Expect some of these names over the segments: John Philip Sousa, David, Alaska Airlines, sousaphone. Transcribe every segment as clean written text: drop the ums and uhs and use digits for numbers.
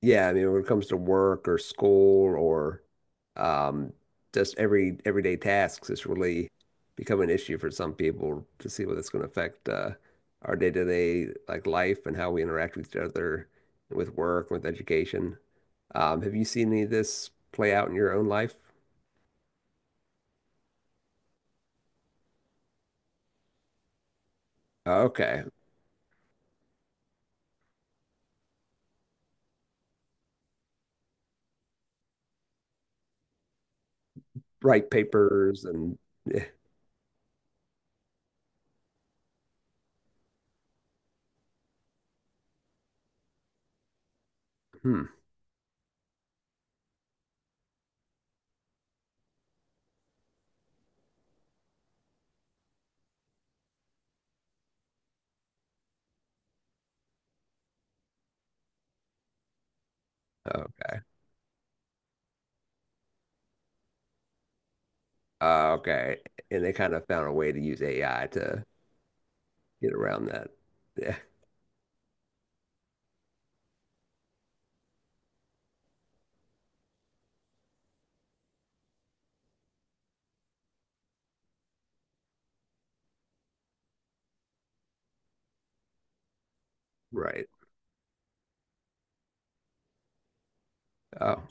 Yeah, I mean, when it comes to work or school or um, just everyday tasks, it's really become an issue for some people to see what it's going to affect our day-to-day like life and how we interact with each other, with work, with education. Have you seen any of this play out in your own life? Okay, write papers and yeah. Hmm. Okay. Okay, and they kind of found a way to use AI to get around that. Yeah, right. Oh.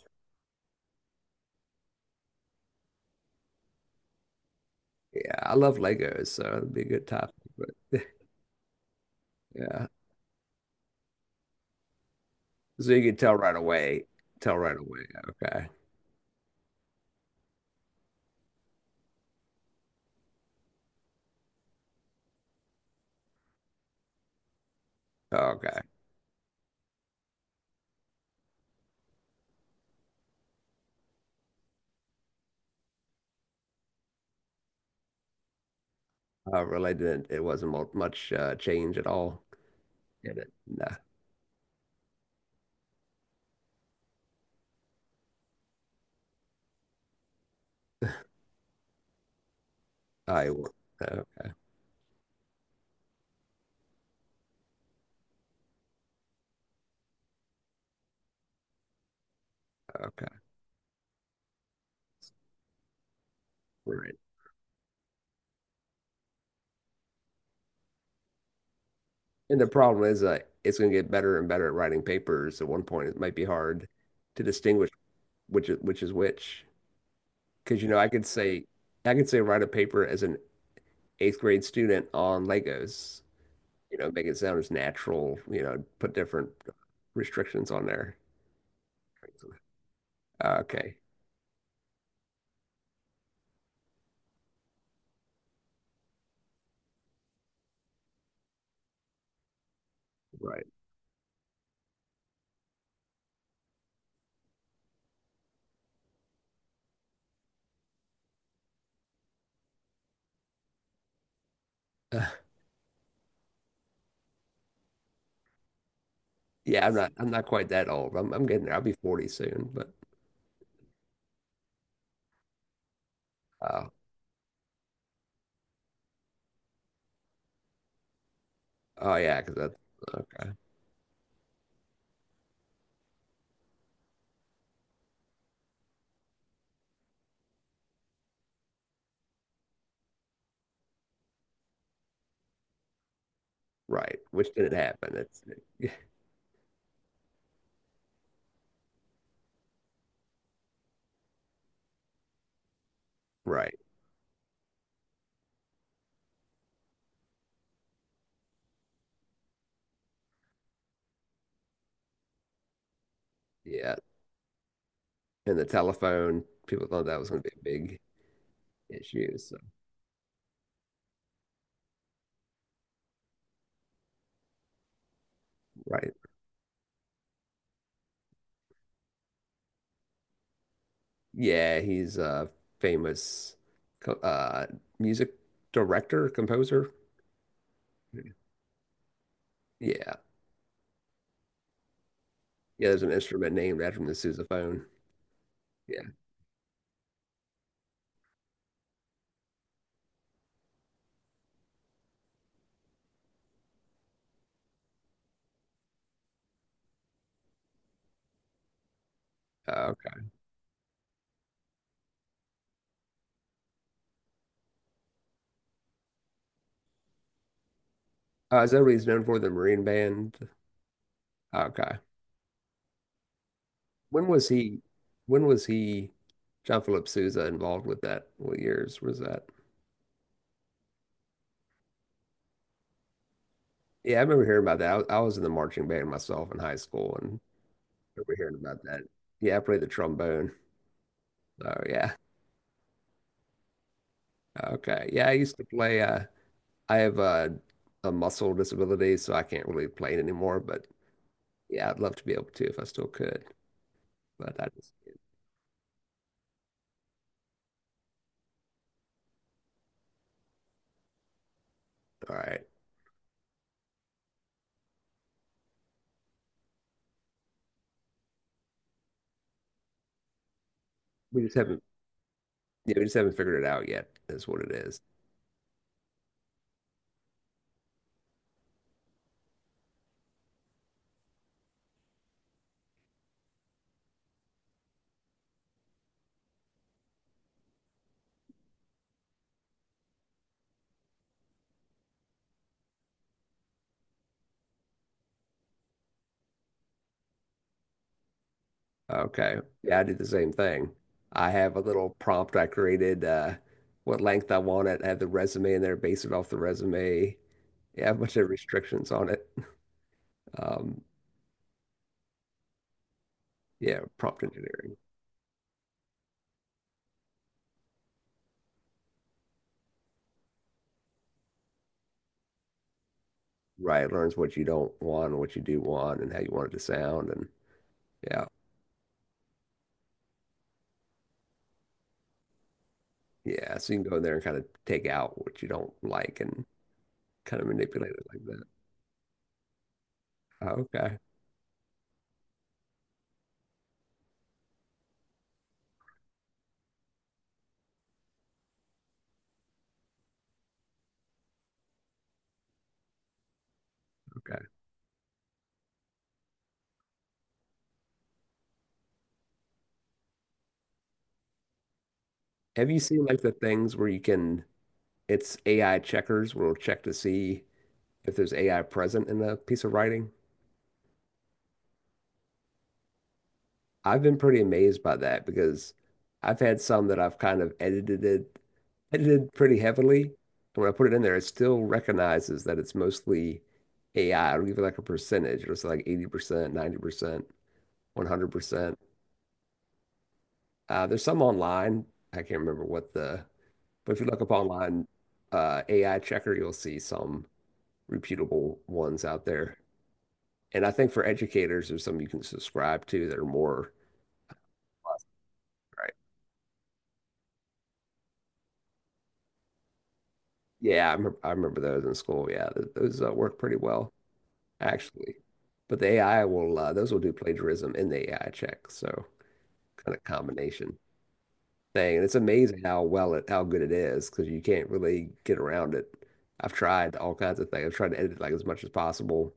Yeah, I love Legos, so it'd be a good topic. But yeah, so you can tell right away. Tell right away. Okay. Okay. Related, it wasn't much change at all. In it? No. I w- okay. Okay. Right. And the problem is, it's going to get better and better at writing papers. At one point, it might be hard to distinguish which is which. Because I could say write a paper as an eighth grade student on Legos. Make it sound as natural, put different restrictions on there. Okay. Right. Uh, yeah, I'm not quite that old. I'm getting there. I'll be 40 soon, but uh, oh yeah, because that's okay. Right. Which didn't happen. It's right. Yeah. And the telephone, people thought that was going to be a big issue. So, right. Yeah, he's a famous co- uh music director, composer. Yeah. Yeah, there's an instrument named after him, the sousaphone. Yeah. Oh, okay. Is that what he's known for? The Marine Band? Okay. When was he? When was he? John Philip Sousa involved with that? What years was that? Yeah, I remember hearing about that. I was in the marching band myself in high school, and I remember hearing about that. Yeah, I played the trombone. Oh yeah. Okay. Yeah, I used to play. I have a muscle disability, so I can't really play it anymore. But yeah, I'd love to be able to if I still could. But I just. All right. We just haven't. Yeah, we just haven't figured it out yet. Is what it is. Okay. Yeah, I do the same thing. I have a little prompt I created, what length I want it. I have the resume in there, base it off the resume. Yeah, I have a bunch of restrictions on it. Um, yeah, prompt engineering. Right. It learns what you don't want and what you do want and how you want it to sound. And yeah, yeah. So you can go in there and kind of take out what you don't like and kind of manipulate it like that. Oh, okay. Okay. Have you seen like the things where you can, it's AI checkers where it'll check to see if there's AI present in a piece of writing. I've been pretty amazed by that because I've had some that I've kind of edited pretty heavily. And when I put it in there, it still recognizes that it's mostly AI. It'll give it like a percentage. It'll say like 80%, 90%, 100%. There's some online. I can't remember but if you look up online, AI checker, you'll see some reputable ones out there. And I think for educators, there's some you can subscribe to that are more. Yeah, I remember those in school. Yeah, those work pretty well, actually. But the AI will, those will do plagiarism in the AI check. So kind of combination thing. And it's amazing how good it is because you can't really get around it. I've tried all kinds of things. I've tried to edit like as much as possible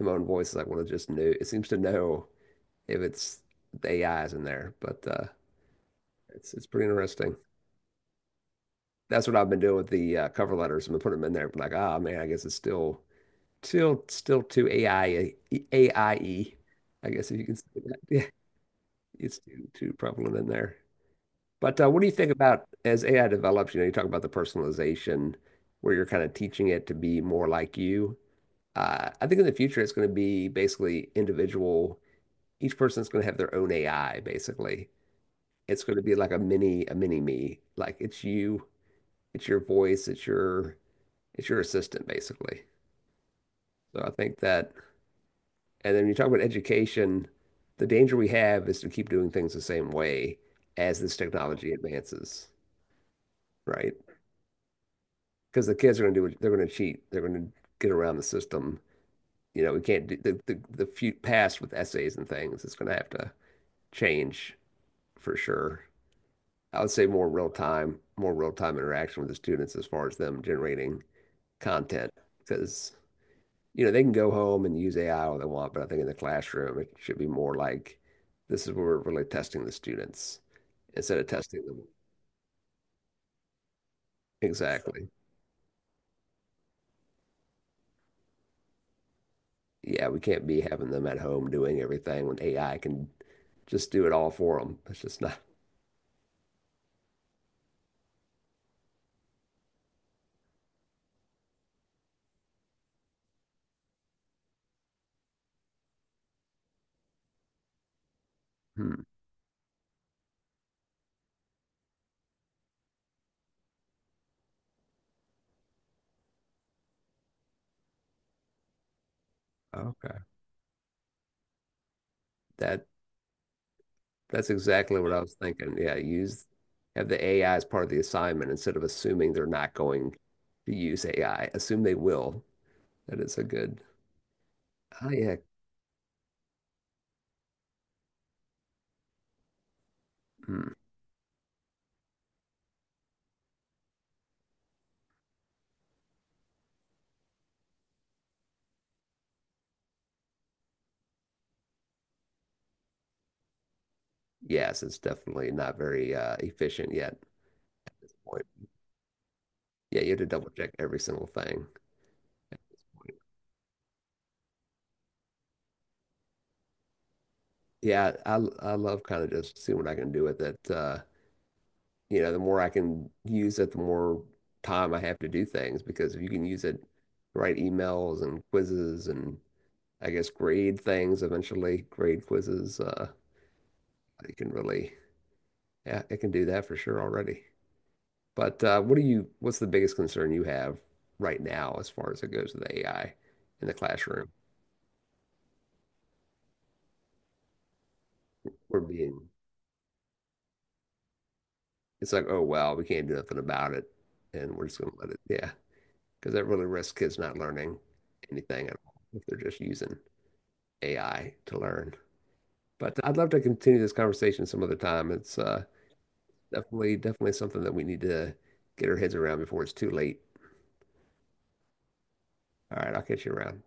in my own voice. Is like, well, it seems to know if it's the AI is in there. But it's pretty interesting. That's what I've been doing with the cover letters. I'm gonna put them in there. Like, ah, man, I guess it's still too AI AIE, I E, I guess if you can say that. Yeah, it's too prevalent in there. But what do you think about as AI develops? You talk about the personalization where you're kind of teaching it to be more like you. I think in the future it's going to be basically individual. Each person's going to have their own AI, basically. It's going to be like a mini me. Like it's you, it's your voice, it's your assistant, basically. So I think that. And then when you talk about education, the danger we have is to keep doing things the same way as this technology advances, right? Because the kids are going to do it, they're going to cheat, they're going to get around the system. We can't do the few past with essays and things, it's going to have to change for sure. I would say more real time interaction with the students as far as them generating content because they can go home and use AI all they want, but I think in the classroom, it should be more like this is where we're really testing the students instead of testing them. Exactly. Yeah, we can't be having them at home doing everything when AI can just do it all for them. That's just not. Hmm. Okay. That that's exactly what I was thinking. Yeah, use have the AI as part of the assignment instead of assuming they're not going to use AI. Assume they will. That is a good. Oh yeah. Hmm. Yes, it's definitely not very efficient yet. Point. Yeah, you have to double check every single thing at this point. Yeah, I love kind of just seeing what I can do with it. The more I can use it, the more time I have to do things because if you can use it, to write emails and quizzes and I guess grade things eventually, grade quizzes. It can really, yeah, it can do that for sure already. But what's the biggest concern you have right now as far as it goes with AI in the classroom? We're being It's like, oh well, we can't do nothing about it and we're just gonna let it. Yeah, because that really risks kids not learning anything at all if they're just using AI to learn. But I'd love to continue this conversation some other time. It's definitely something that we need to get our heads around before it's too late. All right, I'll catch you around.